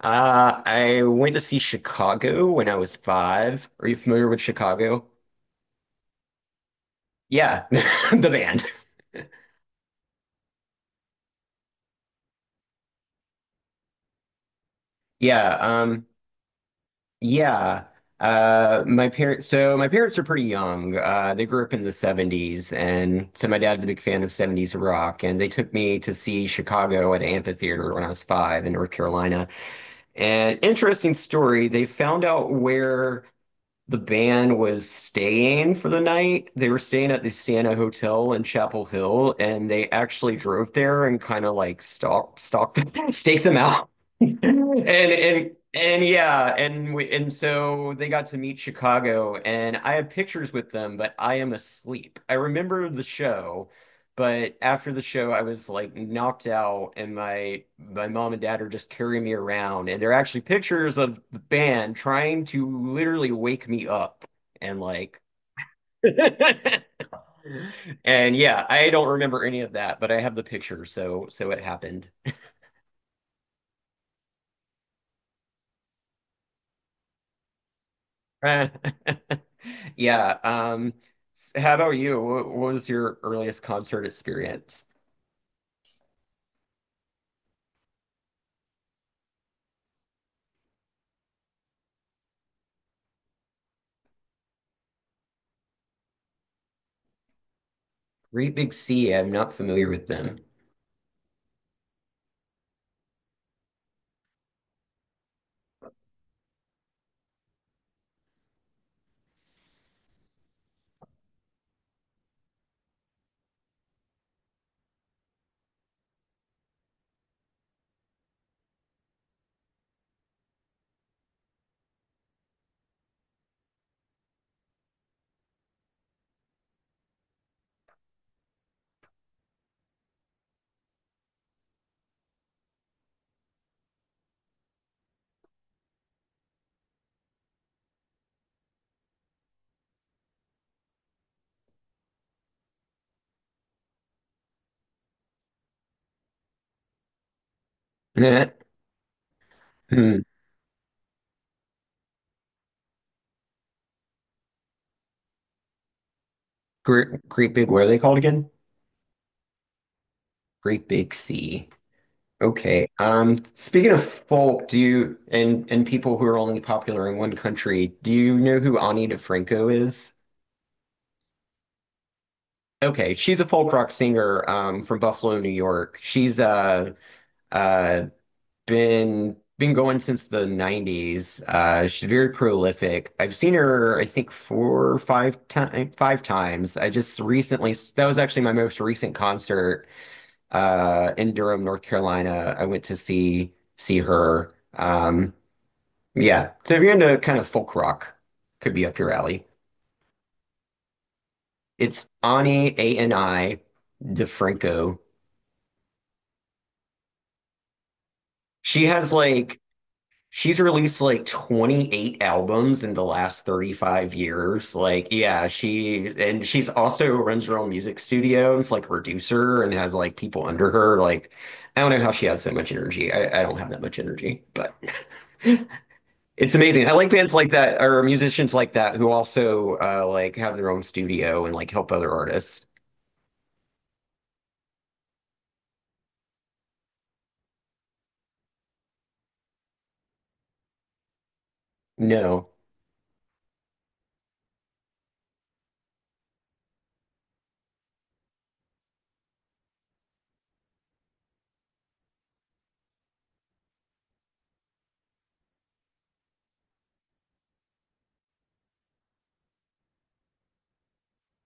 I went to see Chicago when I was five. Are you familiar with Chicago? Yeah, the band. Yeah, um, yeah. My parents, my parents are pretty young. They grew up in the 70s, and so my dad's a big fan of 70s rock, and they took me to see Chicago at Amphitheater when I was five in North Carolina. And interesting story, they found out where the band was staying for the night. They were staying at the Siena Hotel in Chapel Hill, and they actually drove there and kind of like stake them out and and yeah, and so they got to meet Chicago, and I have pictures with them, but I am asleep. I remember the show, but after the show, I was like knocked out, and my mom and dad are just carrying me around, and they're actually pictures of the band trying to literally wake me up, and like. And yeah, I don't remember any of that, but I have the picture, so so it happened. Uh, Yeah. How about you? What was your earliest concert experience? Great Big Sea. I'm not familiar with them. Nah. Hmm. Great, Great Big. What are they called again? Great Big Sea. Okay. Speaking of folk, do you and people who are only popular in one country, do you know who Ani DeFranco is? Okay, she's a folk rock singer from Buffalo, New York. She's uh, uh, been been going since the 90s. She's very prolific. I've seen her, I think, four or five times. I just recently, that was actually my most recent concert in Durham, North Carolina. I went to see her. Yeah, so if you're into kind of folk rock, could be up your alley. It's Ani, A N I DeFranco. She has like She's released like 28 albums in the last 35 years. Like, yeah, she, and she's also runs her own music studio. It's like a producer and has like people under her. Like, I don't know how she has so much energy. I don't have that much energy, but it's amazing. I like bands like that, or musicians like that, who also like have their own studio and like help other artists. No.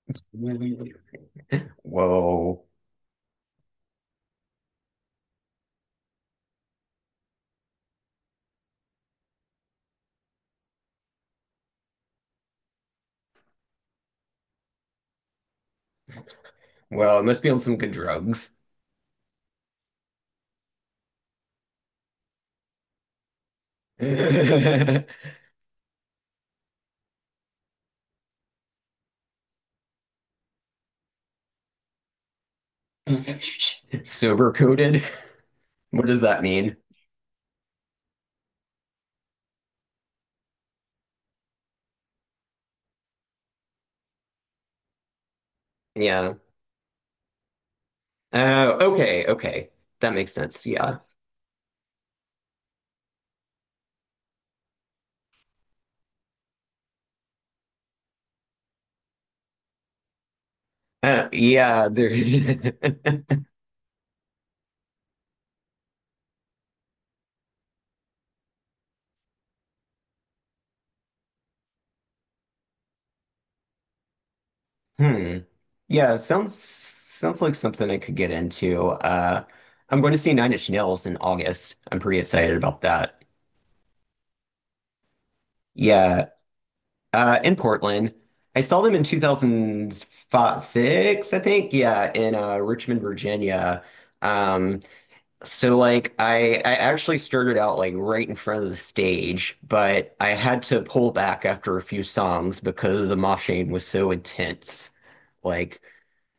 Whoa. Well, it must be on some good drugs. Sober coded? What does that mean? Yeah. Oh, okay. That makes sense. Yeah. Yeah, there Hmm. Yeah, sounds like something I could get into. I'm going to see Nine Inch Nails in August. I'm pretty excited about that. Yeah. In Portland. I saw them in 2006, I think. Yeah, in Richmond, Virginia. Um So like I actually started out like right in front of the stage, but I had to pull back after a few songs because the moshing was so intense. Like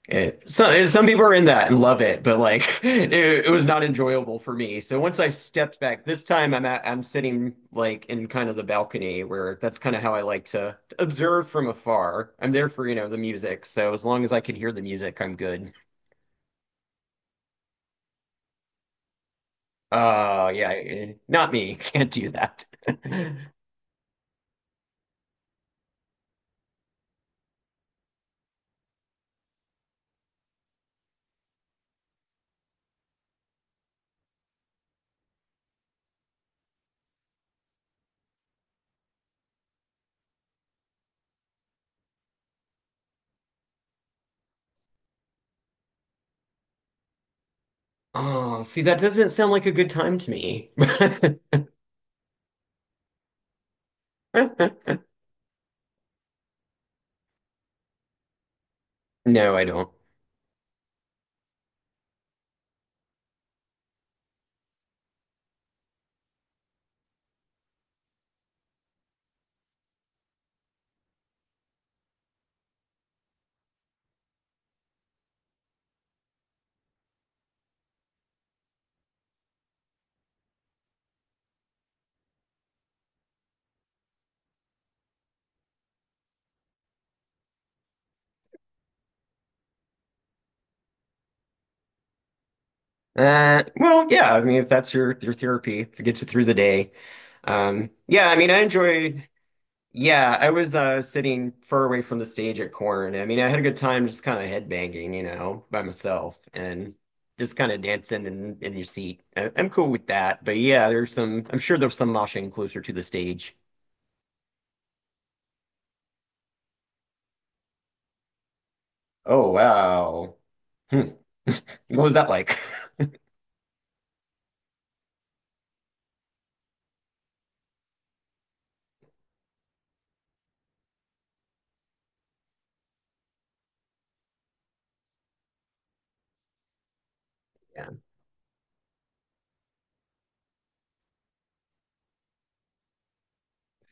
it, some people are in that and love it, but like it was not enjoyable for me. So once I stepped back, this time I'm sitting like in kind of the balcony, where that's kind of how I like to observe from afar. I'm there for, you know, the music. So as long as I can hear the music, I'm good. Yeah, Not me. Can't do that. Oh, see, that doesn't sound like a good time to me. No, I don't. Well, yeah, I mean, if that's your therapy, if it gets you through the day. Yeah, I mean, I enjoyed. Yeah, I was sitting far away from the stage at Corn. I mean, I had a good time just kind of headbanging, you know, by myself, and just kind of dancing in your seat. I'm cool with that. But yeah, there's some. I'm sure there's some moshing closer to the stage. Oh wow. Hmm. What was that like?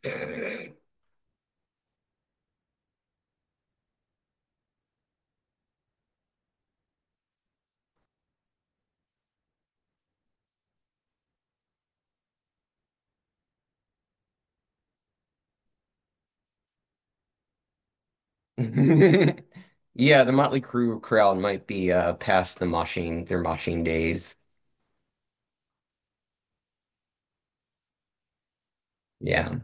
Yeah. Yeah, the Motley Crue crowd might be past the moshing, their moshing days. Yeah.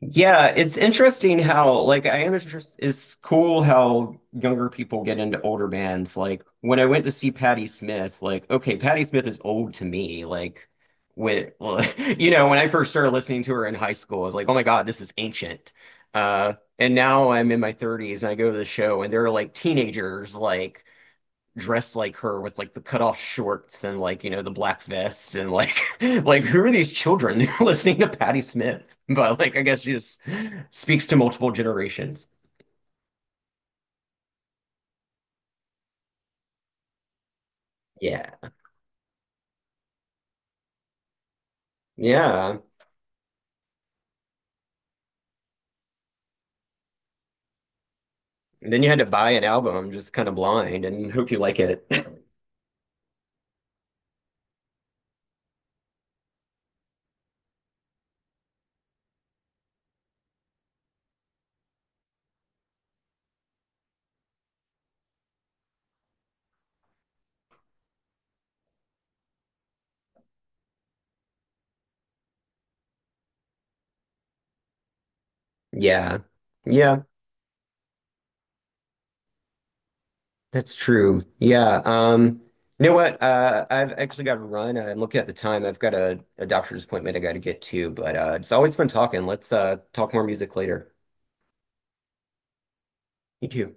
Yeah, it's interesting how, like, I am interested, it's cool how younger people get into older bands. Like, when I went to see Patti Smith, like, okay, Patti Smith is old to me. Like, when, you know, when I first started listening to her in high school, I was like, oh my God, this is ancient. And now I'm in my 30s and I go to the show and they're like teenagers, like, dressed like her with like the cutoff shorts and like you know the black vest and like like who are these children, they're listening to Patti Smith, but like I guess she just speaks to multiple generations. Yeah. Yeah, and then you had to buy an album just kind of blind and hope you like it. Yeah. Yeah, that's true. Yeah. You know what, I've actually got to run. I'm looking at the time. I've got a doctor's appointment I got to get to, but it's always fun talking. Let's talk more music later. You too.